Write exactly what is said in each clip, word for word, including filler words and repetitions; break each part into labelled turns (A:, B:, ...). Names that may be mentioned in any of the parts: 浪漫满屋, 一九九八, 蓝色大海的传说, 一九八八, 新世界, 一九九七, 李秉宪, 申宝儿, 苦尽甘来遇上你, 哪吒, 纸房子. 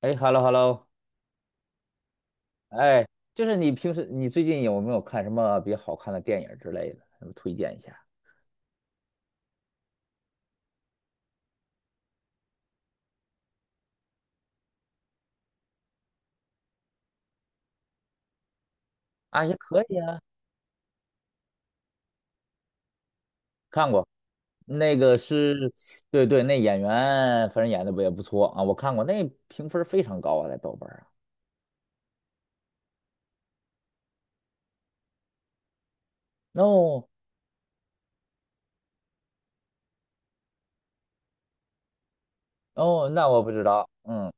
A: 哎，hello hello。哎，就是你平时你最近有没有看什么比较好看的电影之类的？什么推荐一下？啊，也可以啊。看过。那个是，对对，那演员反正演的不也不错啊，我看过。那评分非常高啊，在豆瓣儿啊。哦哦，那我不知道。嗯。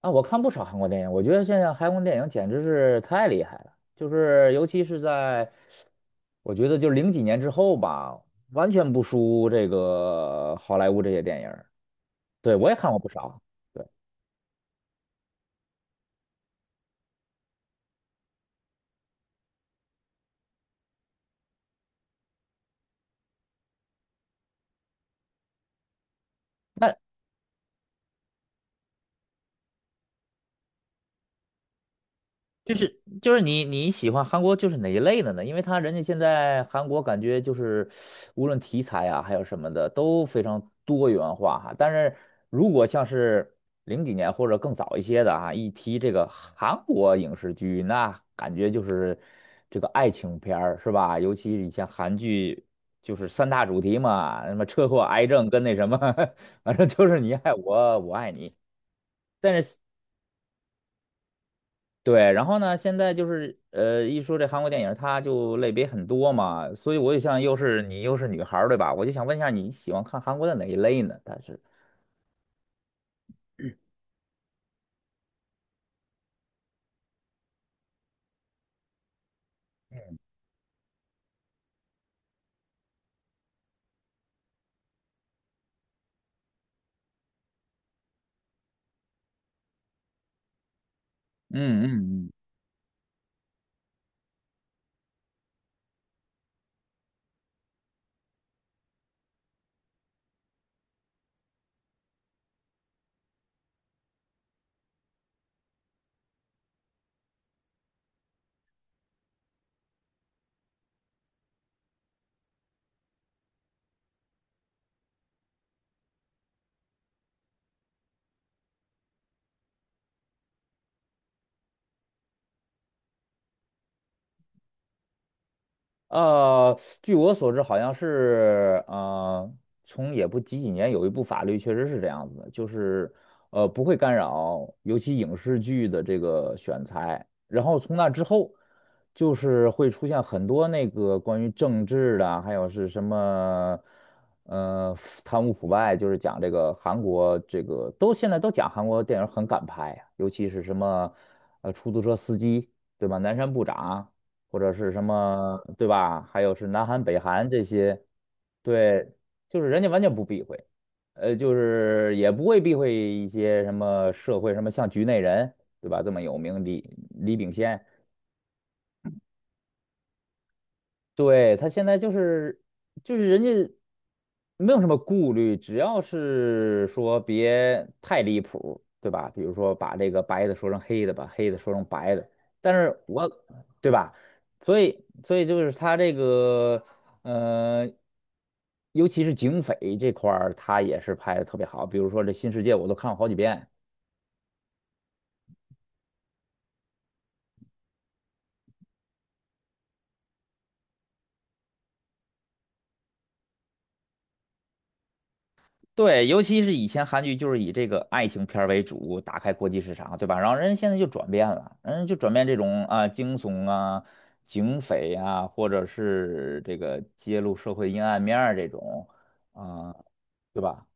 A: 啊，我看不少韩国电影，我觉得现在韩国电影简直是太厉害了，就是尤其是在，我觉得就零几年之后吧，完全不输这个好莱坞这些电影。对，我也看过不少。对，那就是就是你你喜欢韩国就是哪一类的呢？因为他人家现在韩国感觉就是无论题材啊，还有什么的都非常多元化哈。但是如果像是零几年或者更早一些的啊，一提这个韩国影视剧，那感觉就是这个爱情片儿是吧？尤其以前韩剧就是三大主题嘛，什么车祸、癌症跟那什么。反正就是你爱我，我爱你。对，然后呢，现在就是呃，一说这韩国电影，它就类别很多嘛，所以我就想，又是你又是女孩儿对吧？我就想问一下，你喜欢看韩国的哪一类呢？但是，嗯嗯嗯。呃，据我所知，好像是呃，从也不几几年有一部法律确实是这样子的，就是呃不会干扰，尤其影视剧的这个选材。然后从那之后，就是会出现很多那个关于政治的啊，还有是什么呃腐贪污腐败，就是讲这个韩国这个都现在都讲韩国电影很敢拍啊，尤其是什么呃出租车司机，对吧？南山部长。或者是什么，对吧？还有是南韩、北韩这些，对，就是人家完全不避讳。呃，就是也不会避讳一些什么社会，什么像局内人，对吧？这么有名。李李秉宪。对，他现在就是就是人家没有什么顾虑，只要是说别太离谱，对吧？比如说把这个白的说成黑的，把黑的说成白的，但是我对吧？所以所以就是他这个呃，尤其是警匪这块儿，他也是拍的特别好。比如说这《新世界》，我都看了好几遍。对，尤其是以前韩剧就是以这个爱情片儿为主，打开国际市场，对吧？然后人家现在就转变了，人家就转变这种啊惊悚啊、警匪啊，或者是这个揭露社会阴暗面儿这种啊，对吧？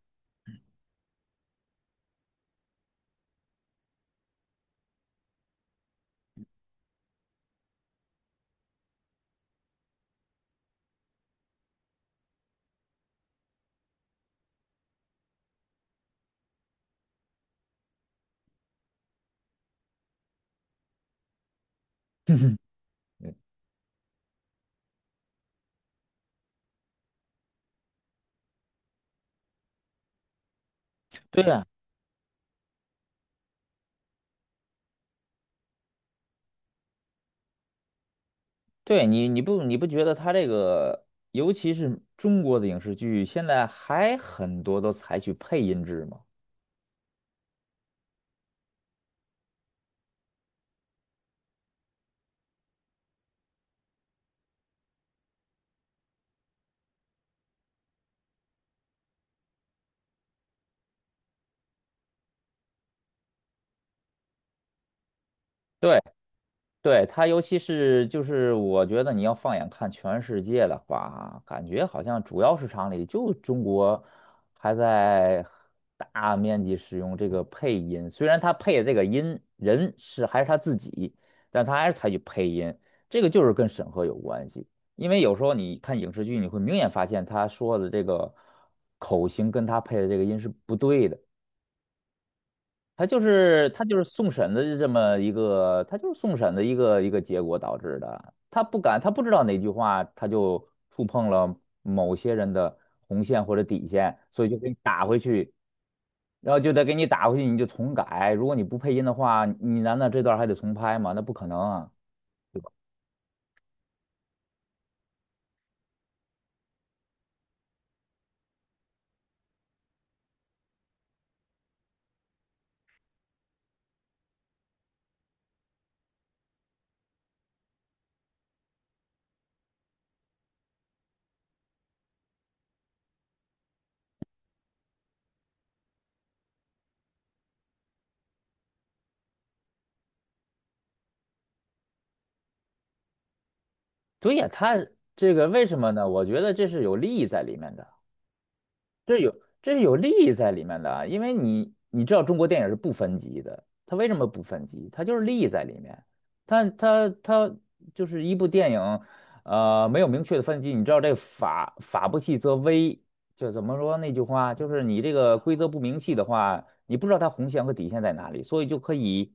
A: 嗯。对呀。对，你你不你不觉得他这个，尤其是中国的影视剧，现在还很多都采取配音制吗？对。对，它尤其是就是我觉得你要放眼看全世界的话，感觉好像主要市场里就中国还在大面积使用这个配音，虽然他配的这个音人是还是他自己，但他还是采取配音，这个就是跟审核有关系。因为有时候你看影视剧，你会明显发现他说的这个口型跟他配的这个音是不对的。他就是他就是送审的这么一个，他就是送审的一个一个结果导致的。他不敢，他不知道哪句话，他就触碰了某些人的红线或者底线，所以就给你打回去，然后就得给你打回去，你就重改。如果你不配音的话，你难道这段还得重拍吗？那不可能啊！对呀，他这个为什么呢？我觉得这是有利益在里面的。这有这是有利益在里面的啊因为你你知道中国电影是不分级的，它为什么不分级？它就是利益在里面，它它它就是一部电影，呃，没有明确的分级，你知道这法法不细则微，就怎么说那句话，就是你这个规则不明细的话，你不知道它红线和底线在哪里，所以就可以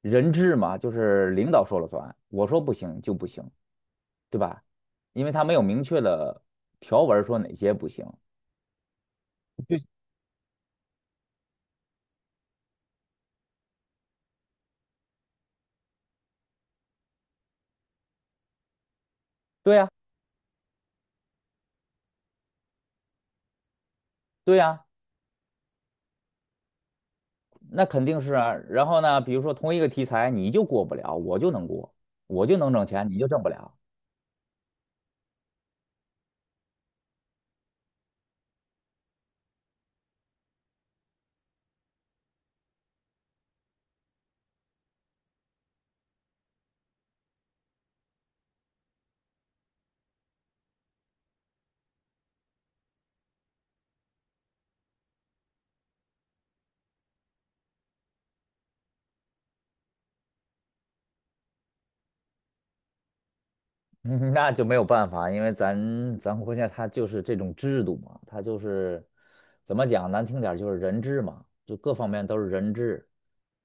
A: 人治嘛，就是领导说了算，我说不行就不行，对吧？因为它没有明确的条文说哪些不行。对呀、对呀。那肯定是啊。然后呢，比如说同一个题材，你就过不了，我就能过，我就能挣钱，你就挣不了。那就没有办法，因为咱咱国家它就是这种制度嘛，它就是怎么讲，难听点儿就是人治嘛，就各方面都是人治，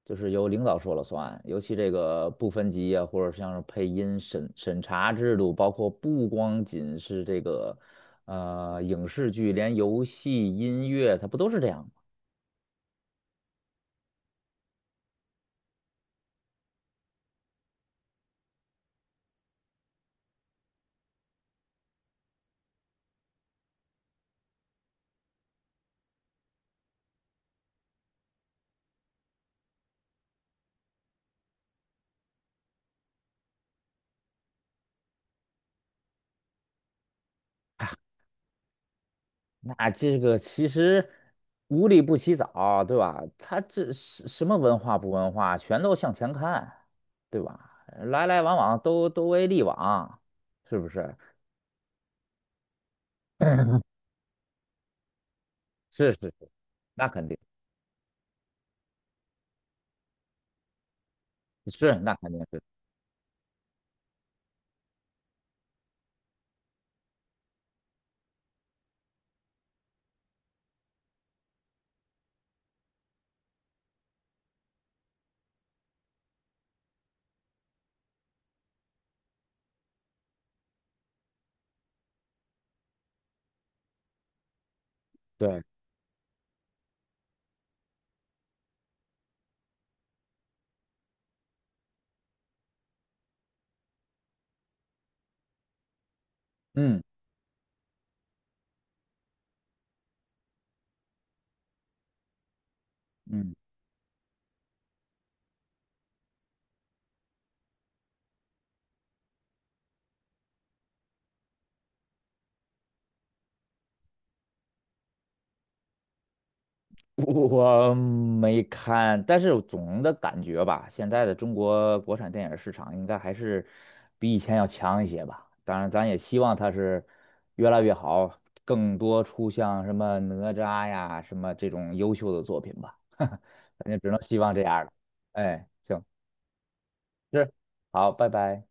A: 就是由领导说了算。尤其这个不分级啊，或者像是配音审审查制度，包括不光仅是这个呃影视剧，连游戏、音乐，它不都是这样？那这个其实无利不起早，对吧？他这是什么文化不文化，全都向前看，对吧？来来往往都都为利往，是不是？是是是，那肯定是，那肯定是，对，嗯嗯。我没看，但是总的感觉吧，现在的中国国产电影市场应该还是比以前要强一些吧。当然，咱也希望它是越来越好，更多出像什么哪吒呀、什么这种优秀的作品吧。咱就只能希望这样了。哎，行，是，好，拜拜。